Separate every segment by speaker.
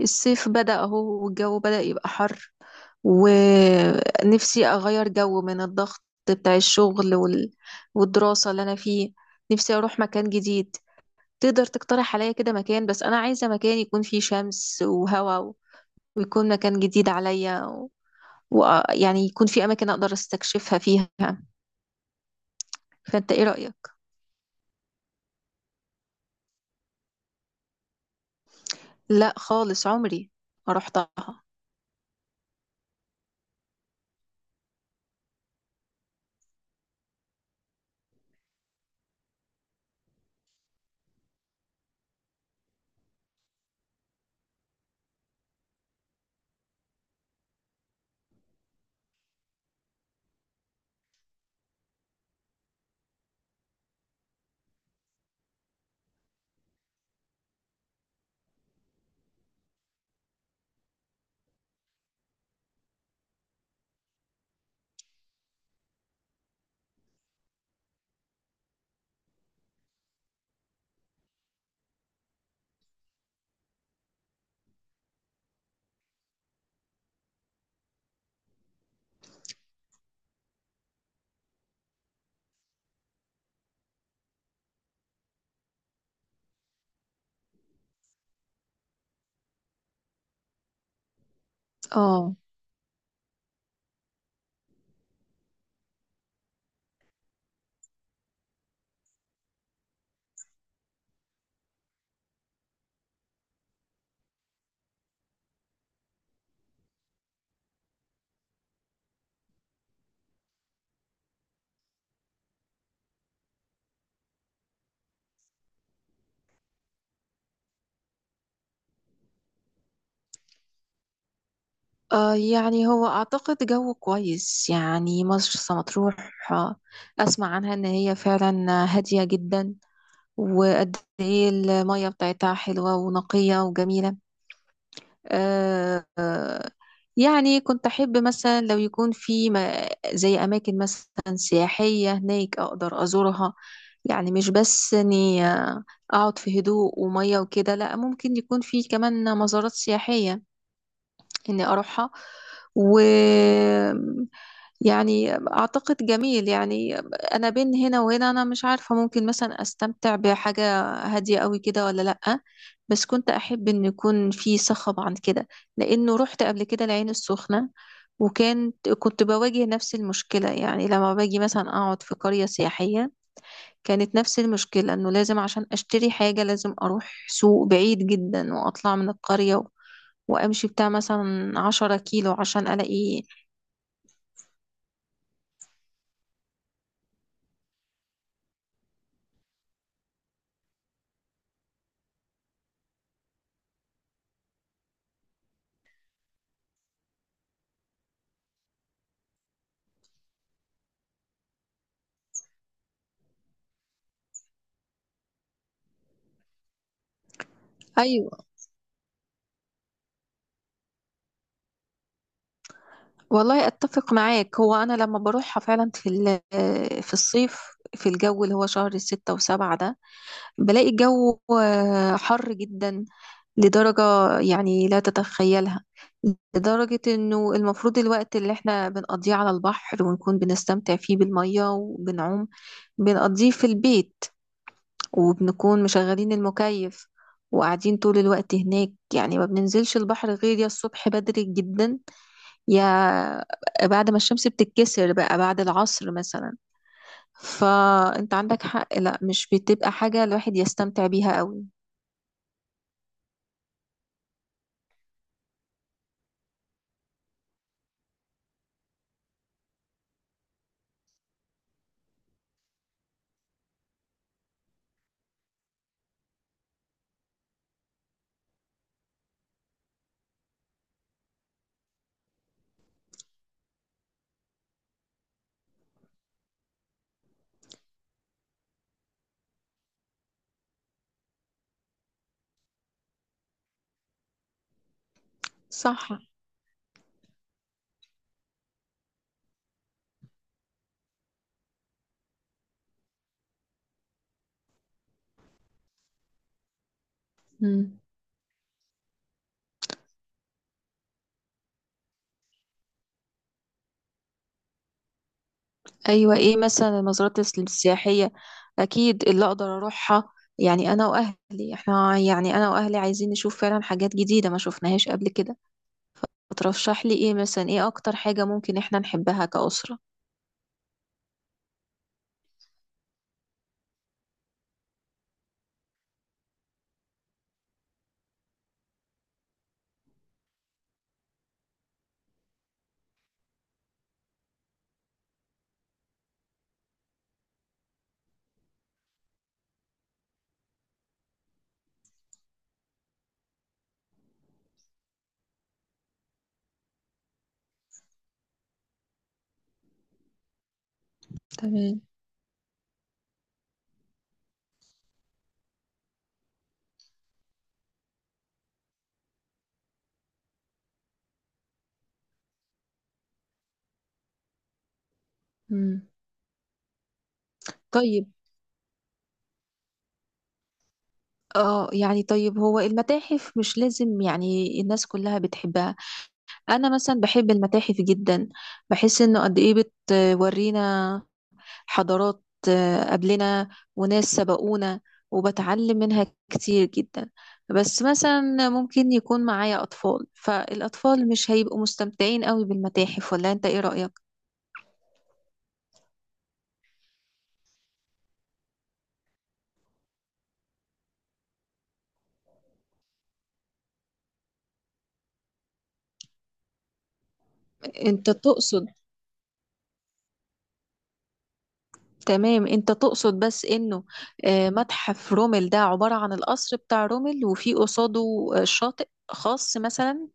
Speaker 1: الصيف بدأ اهو، والجو بدأ يبقى حر. ونفسي أغير جو من الضغط بتاع الشغل والدراسة اللي أنا فيه. نفسي أروح مكان جديد. تقدر تقترح عليا كده مكان؟ بس أنا عايزة مكان يكون فيه شمس وهواء ويكون مكان جديد عليا، ويعني يكون فيه أماكن أقدر استكشفها فيها. فأنت إيه رأيك؟ لا خالص عمري ما رحتها. اه. آه يعني هو أعتقد جو كويس يعني مرسى مطروح. آه، أسمع عنها إن هي فعلا هادية جدا، وقد إيه المية بتاعتها حلوة ونقية وجميلة. آه آه، يعني كنت أحب مثلا لو يكون في زي أماكن مثلا سياحية هناك أقدر أزورها، يعني مش بس إني أقعد في هدوء ومية وكده، لأ ممكن يكون في كمان مزارات سياحية إني أروحها. و يعني أعتقد جميل يعني. أنا بين هنا وهنا، أنا مش عارفة ممكن مثلا أستمتع بحاجة هادية قوي كده ولا لأ. بس كنت أحب إن يكون في صخب عن كده، لأنه رحت قبل كده العين السخنة، وكانت كنت بواجه نفس المشكلة يعني لما باجي مثلا أقعد في قرية سياحية. كانت نفس المشكلة إنه لازم عشان أشتري حاجة لازم أروح سوق بعيد جدا وأطلع من القرية، وامشي بتاع مثلا 10 كيلو عشان الاقي. ايوه. والله اتفق معاك، هو انا لما بروحها فعلا في الصيف، في الجو اللي هو شهر 6 و7 ده، بلاقي الجو حر جدا، لدرجة يعني لا تتخيلها. لدرجة انه المفروض الوقت اللي احنا بنقضيه على البحر ونكون بنستمتع فيه بالمية وبنعوم، بنقضيه في البيت وبنكون مشغلين المكيف وقاعدين طول الوقت هناك. يعني ما بننزلش البحر غير يا الصبح بدري جدا، يا بعد ما الشمس بتتكسر بقى بعد العصر مثلا. فانت عندك حق، لا مش بتبقى حاجة الواحد يستمتع بيها قوي. صح. مم. ايوه، ايه مثلا المزارات السياحية اكيد اللي اقدر اروحها؟ يعني انا واهلي، احنا يعني انا واهلي عايزين نشوف فعلا حاجات جديدة ما شفناهاش قبل كده. فترشح لي ايه مثلا؟ ايه اكتر حاجة ممكن احنا نحبها كأسرة؟ تمام. مم. طيب. اه يعني، طيب هو المتاحف مش لازم يعني الناس كلها بتحبها. انا مثلا بحب المتاحف جدا، بحس انه قد ايه بتورينا حضارات قبلنا، وناس سبقونا، وبتعلم منها كتير جدا. بس مثلا ممكن يكون معايا اطفال، فالاطفال مش هيبقوا مستمتعين قوي بالمتاحف، ولا انت ايه رأيك؟ انت تقصد، تمام انت تقصد بس انه متحف رومل ده عبارة عن القصر بتاع رومل، وفي قصاده شاطئ خاص مثلا؟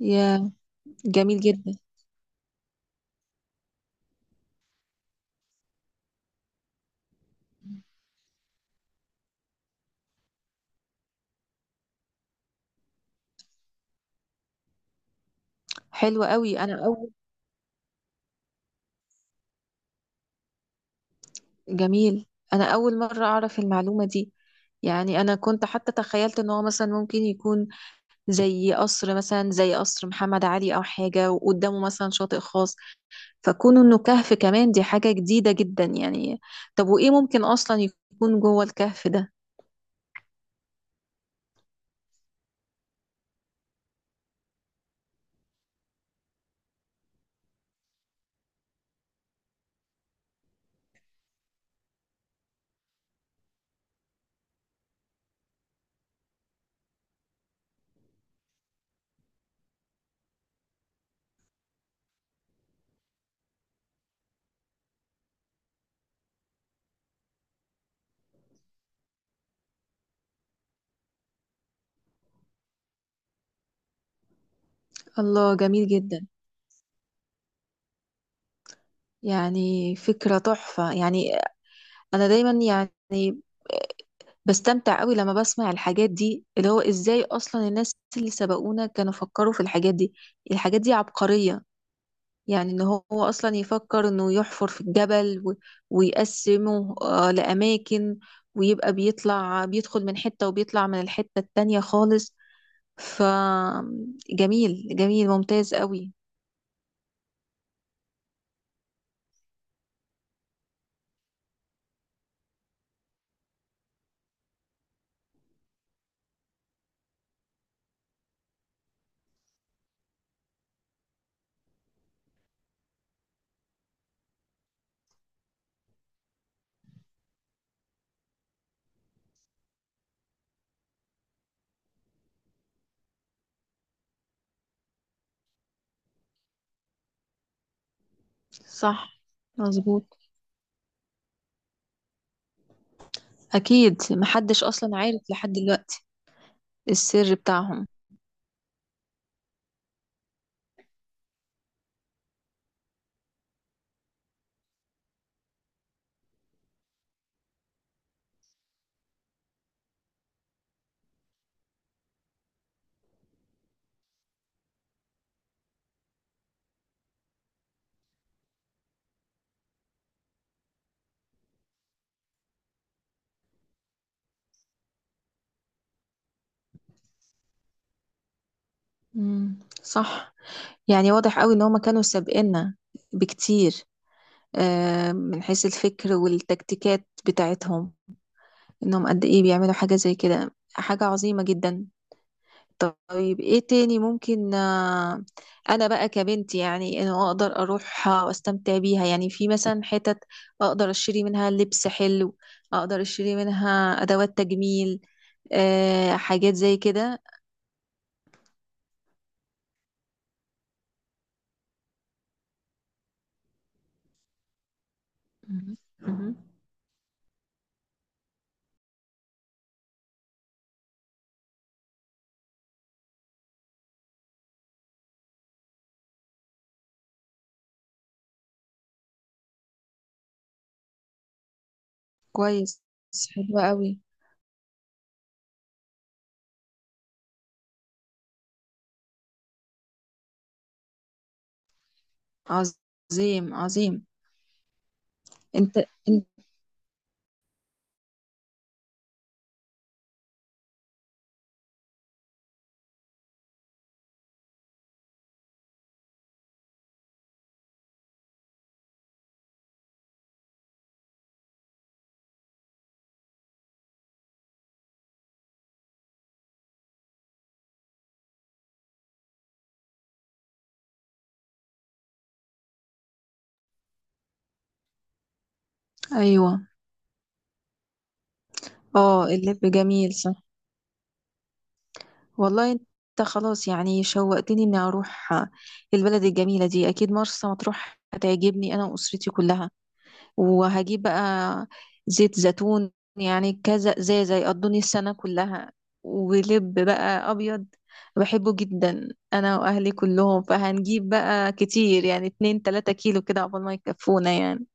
Speaker 1: يا، جميل جدا. حلو قوي. انا اول جميل، انا اول مرة اعرف المعلومة دي. يعني انا كنت حتى تخيلت ان هو مثلا ممكن يكون زي قصر مثلا زي قصر محمد علي او حاجة، وقدامه مثلا شاطئ خاص، فكون انه كهف كمان دي حاجة جديدة جدا يعني. طب وايه ممكن اصلا يكون جوه الكهف ده؟ الله، جميل جدا، يعني فكرة تحفة يعني. أنا دايما يعني بستمتع قوي لما بسمع الحاجات دي، اللي هو إزاي أصلا الناس اللي سبقونا كانوا فكروا في الحاجات دي. الحاجات دي عبقرية يعني، إن هو أصلا يفكر إنه يحفر في الجبل ويقسمه لأماكن، ويبقى بيطلع بيدخل من حتة وبيطلع من الحتة التانية خالص. فجميل جميل ممتاز قوي. صح، مظبوط. أكيد محدش أصلا عارف لحد دلوقتي السر بتاعهم. مم. صح. يعني واضح قوي ان هما كانوا سابقنا بكتير، من حيث الفكر والتكتيكات بتاعتهم، انهم قد ايه بيعملوا حاجة زي كده، حاجة عظيمة جدا. طيب ايه تاني ممكن، انا بقى كبنت يعني انه اقدر اروحها واستمتع بيها؟ يعني في مثلا حتت اقدر اشتري منها لبس حلو، اقدر اشتري منها ادوات تجميل، حاجات زي كده؟ مم. مم. كويس. حلو قوي. عظيم عظيم. انت, انت. ايوه. اه اللب جميل، صح. والله انت خلاص يعني شوقتني اني اروح البلد الجميله دي. اكيد مرسى مطروح هتعجبني انا واسرتي كلها. وهجيب بقى زيت زيتون، يعني كذا ازازه يقضوني السنه كلها. ولب بقى ابيض، بحبه جدا انا واهلي كلهم. فهنجيب بقى كتير يعني 2 3 كيلو كده عقبال ما يكفونا يعني.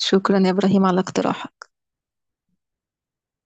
Speaker 1: شكرا يا إبراهيم على الاقتراح.